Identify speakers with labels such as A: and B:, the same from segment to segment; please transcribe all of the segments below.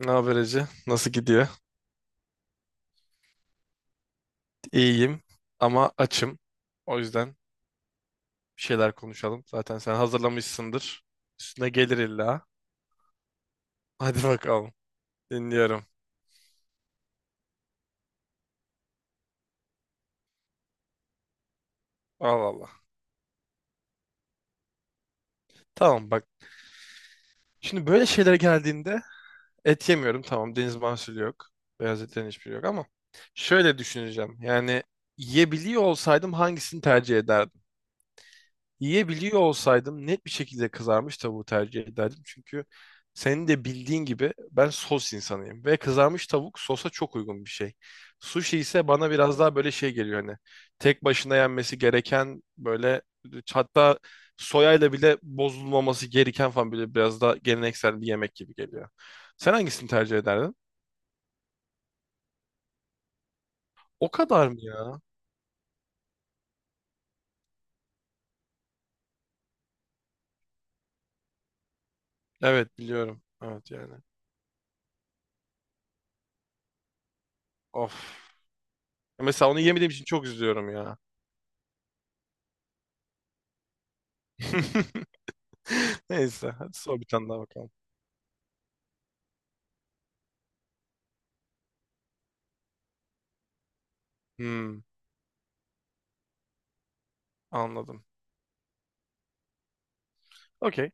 A: Ne haber Ece? Nasıl gidiyor? İyiyim ama açım. O yüzden bir şeyler konuşalım. Zaten sen hazırlamışsındır. Üstüne gelir illa. Hadi bakalım. Dinliyorum. Allah Allah. Tamam bak. Şimdi böyle şeylere geldiğinde et yemiyorum. Tamam deniz mahsulü yok. Beyaz etlerin hiçbiri yok ama şöyle düşüneceğim. Yani yiyebiliyor olsaydım hangisini tercih ederdim? Yiyebiliyor olsaydım net bir şekilde kızarmış tavuğu tercih ederdim. Çünkü senin de bildiğin gibi ben sos insanıyım. Ve kızarmış tavuk sosa çok uygun bir şey. Sushi ise bana biraz daha böyle şey geliyor hani. Tek başına yenmesi gereken böyle, hatta soyayla bile bozulmaması gereken falan, böyle biraz daha geleneksel bir yemek gibi geliyor. Sen hangisini tercih ederdin? O kadar mı ya? Evet biliyorum. Evet yani. Of. Mesela onu yemediğim için çok üzülüyorum ya. Neyse. Hadi sor bir tane daha bakalım. Hmm, anladım. Okey.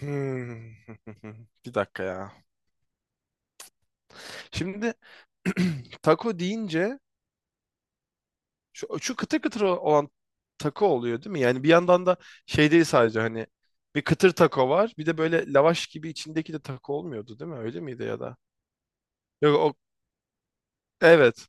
A: Hmm. Bir dakika ya. Şimdi taco deyince şu kıtır kıtır olan taco oluyor değil mi? Yani bir yandan da şey değil sadece, hani bir kıtır taco var. Bir de böyle lavaş gibi içindeki de taco olmuyordu değil mi? Öyle miydi ya da? Yok o, evet.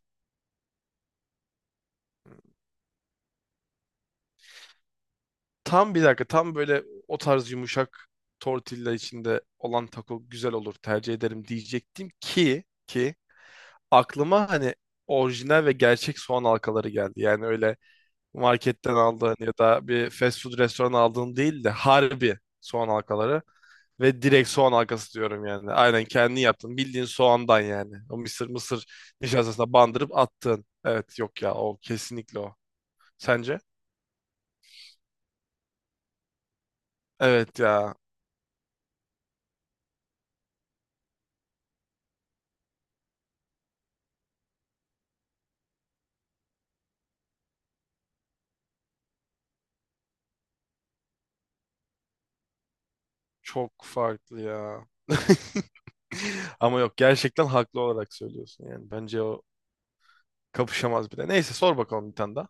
A: Tam bir dakika, tam böyle o tarz yumuşak tortilla içinde olan taco güzel olur tercih ederim diyecektim ki ki aklıma hani orijinal ve gerçek soğan halkaları geldi. Yani öyle marketten aldığın ya da bir fast food restoran aldığın değil de harbi soğan halkaları ve direkt soğan halkası diyorum yani. Aynen kendi yaptın. Bildiğin soğandan yani. O mısır mısır nişastasına bandırıp attın. Evet yok ya, o kesinlikle o. Sence? Evet ya, çok farklı ya. Ama yok, gerçekten haklı olarak söylüyorsun yani. Bence o kapışamaz bile. Neyse sor bakalım bir tane daha.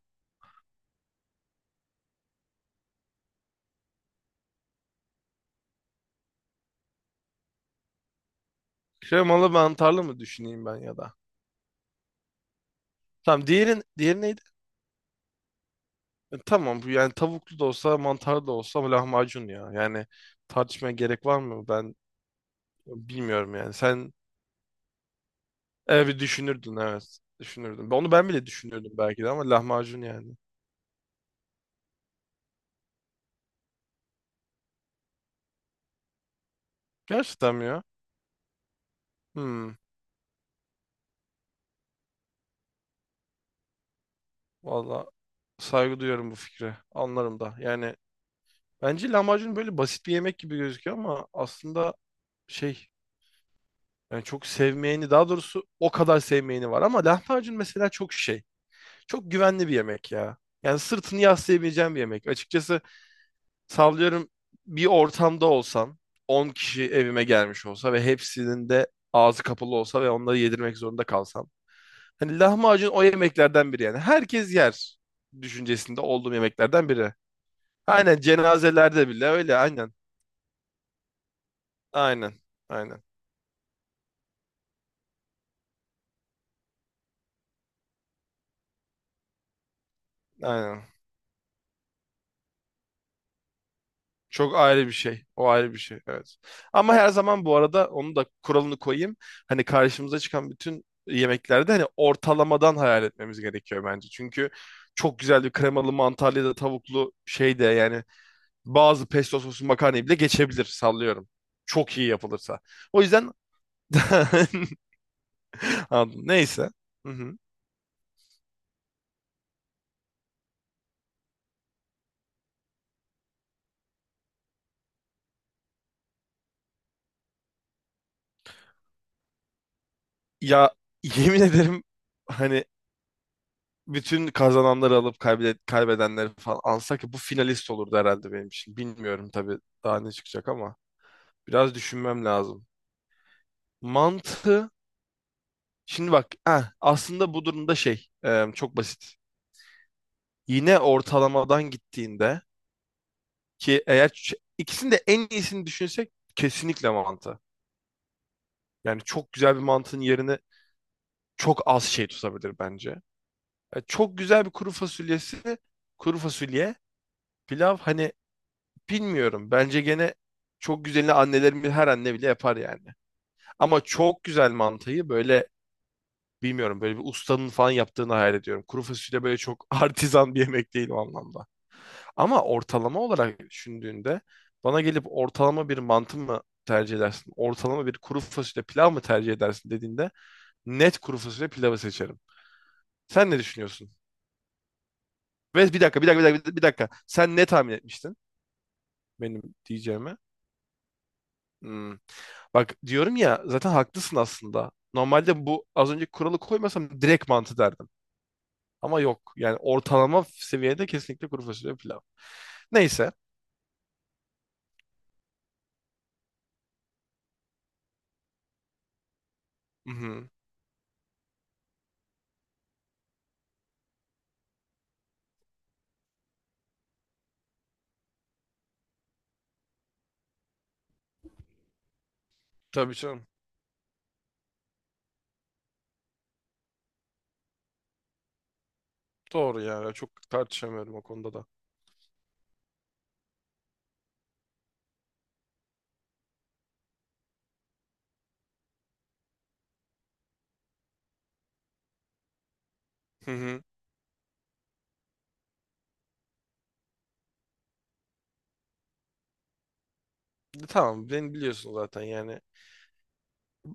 A: Kremalı mantarlı mı düşüneyim ben ya da? Tamam diğeri neydi? E, tamam, bu yani tavuklu da olsa mantarlı da olsa ama lahmacun ya. Yani tartışmaya gerek var mı? Ben bilmiyorum yani. Sen evet bir düşünürdün, evet. Düşünürdün. Onu ben bile düşünürdüm belki de ama lahmacun yani. Gerçekten mi ya? Hmm. Valla saygı duyuyorum bu fikre. Anlarım da. Yani bence lahmacun böyle basit bir yemek gibi gözüküyor ama aslında şey, yani çok sevmeyeni, daha doğrusu o kadar sevmeyeni var ama lahmacun mesela çok şey. Çok güvenli bir yemek ya. Yani sırtını yaslayabileceğim bir yemek. Açıkçası sallıyorum, bir ortamda olsam, 10 kişi evime gelmiş olsa ve hepsinin de ağzı kapalı olsa ve onları yedirmek zorunda kalsam. Hani lahmacun o yemeklerden biri yani. Herkes yer düşüncesinde olduğum yemeklerden biri. Aynen cenazelerde bile öyle, aynen. Aynen. Aynen. Aynen. Çok ayrı bir şey. O ayrı bir şey. Evet. Ama her zaman bu arada onu da kuralını koyayım. Hani karşımıza çıkan bütün yemeklerde hani ortalamadan hayal etmemiz gerekiyor bence. Çünkü çok güzel bir kremalı mantarlı ya da tavuklu şey de yani bazı pesto soslu makarnayı bile geçebilir sallıyorum. Çok iyi yapılırsa. O yüzden Anladım. Neyse. Hı hı. Ya yemin ederim, hani bütün kazananları alıp kaybedenleri falan alsak ya bu finalist olurdu herhalde benim için. Bilmiyorum tabii daha ne çıkacak ama biraz düşünmem lazım. Mantı, şimdi bak aslında bu durumda çok basit. Yine ortalamadan gittiğinde ki eğer ikisini de en iyisini düşünsek kesinlikle mantı. Yani çok güzel bir mantının yerine çok az şey tutabilir bence. E, çok güzel bir kuru fasulyesi, kuru fasulye, pilav hani. Bilmiyorum. Bence gene çok güzelini annelerimiz, her anne bile yapar yani. Ama çok güzel mantıyı böyle bilmiyorum, böyle bir ustanın falan yaptığını hayal ediyorum. Kuru fasulye böyle çok artizan bir yemek değil o anlamda. Ama ortalama olarak düşündüğünde bana gelip ortalama bir mantı mı tercih edersin? Ortalama bir kuru fasulye pilav mı tercih edersin dediğinde net kuru fasulye pilavı seçerim. Sen ne düşünüyorsun? Ve bir dakika, bir dakika, bir dakika, bir dakika. Sen ne tahmin etmiştin benim diyeceğime? Hmm. Bak diyorum ya zaten haklısın aslında. Normalde bu az önce kuralı koymasam direkt mantı derdim. Ama yok. Yani ortalama seviyede kesinlikle kuru fasulye pilav. Neyse. Hı-hı. Tabii canım. Doğru yani. Çok tartışamıyorum o konuda da. Hı-hı. Tamam beni biliyorsun zaten yani.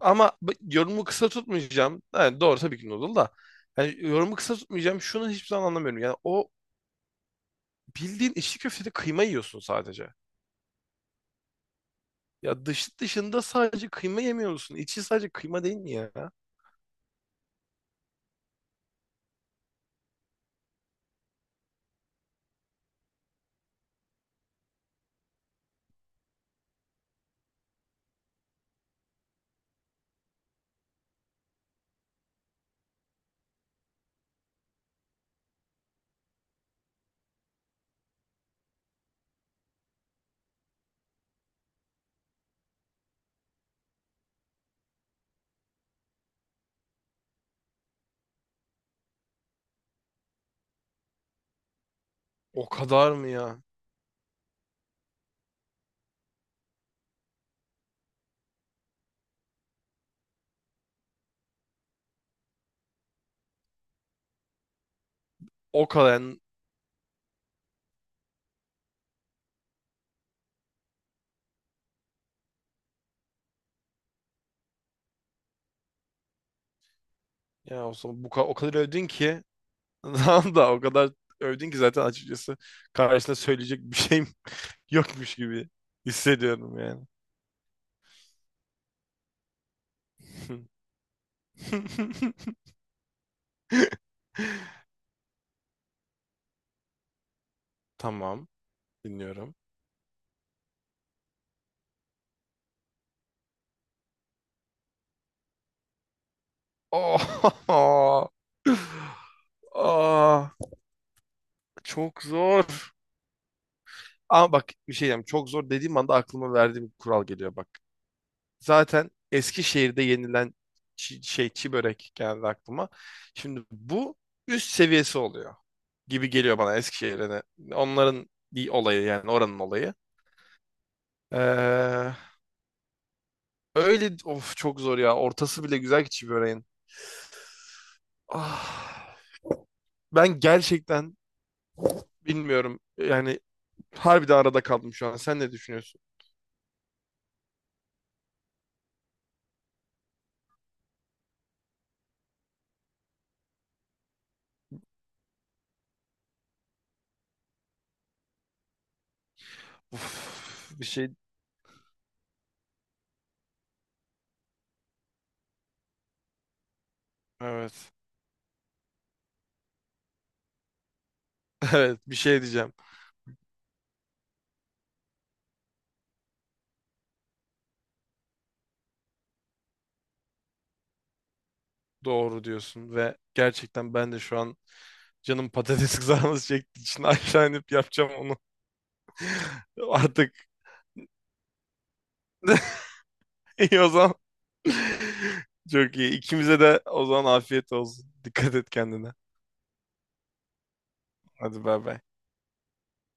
A: Ama yorumu kısa tutmayacağım. Yani doğru, tabii ki noodle da. Yani yorumu kısa tutmayacağım. Şunu hiçbir zaman anlamıyorum. Yani o, bildiğin içli köftede kıyma yiyorsun sadece. Ya dış dışında sadece kıyma yemiyor musun? İçi sadece kıyma değil mi ya? O kadar mı ya? O kadar yani- ya o zaman bu o kadar övdün ki tamam, da o kadar övdün ki zaten açıkçası karşısında söyleyecek bir şeyim yokmuş gibi hissediyorum yani. Tamam, dinliyorum. Oh! Aa, çok zor. Ama bak bir şey diyeyim. Çok zor dediğim anda aklıma verdiğim kural geliyor bak. Zaten Eskişehir'de yenilen çi börek geldi aklıma. Şimdi bu üst seviyesi oluyor gibi geliyor bana Eskişehir'e. Onların bir olayı yani, oranın olayı. Ee, Öyle of çok zor ya. Ortası bile güzel ki çi böreğin. Ah, ben gerçekten bilmiyorum. Yani harbiden arada kaldım şu an. Sen ne düşünüyorsun? Uf, bir şey Evet. Evet, bir şey diyeceğim. Doğru diyorsun ve gerçekten ben de şu an canım patates kızarması çektiği için aşağı inip yapacağım onu. Artık iyi o zaman. Çok iyi. İkimize de o zaman afiyet olsun. Dikkat et kendine. Hadi bay bay.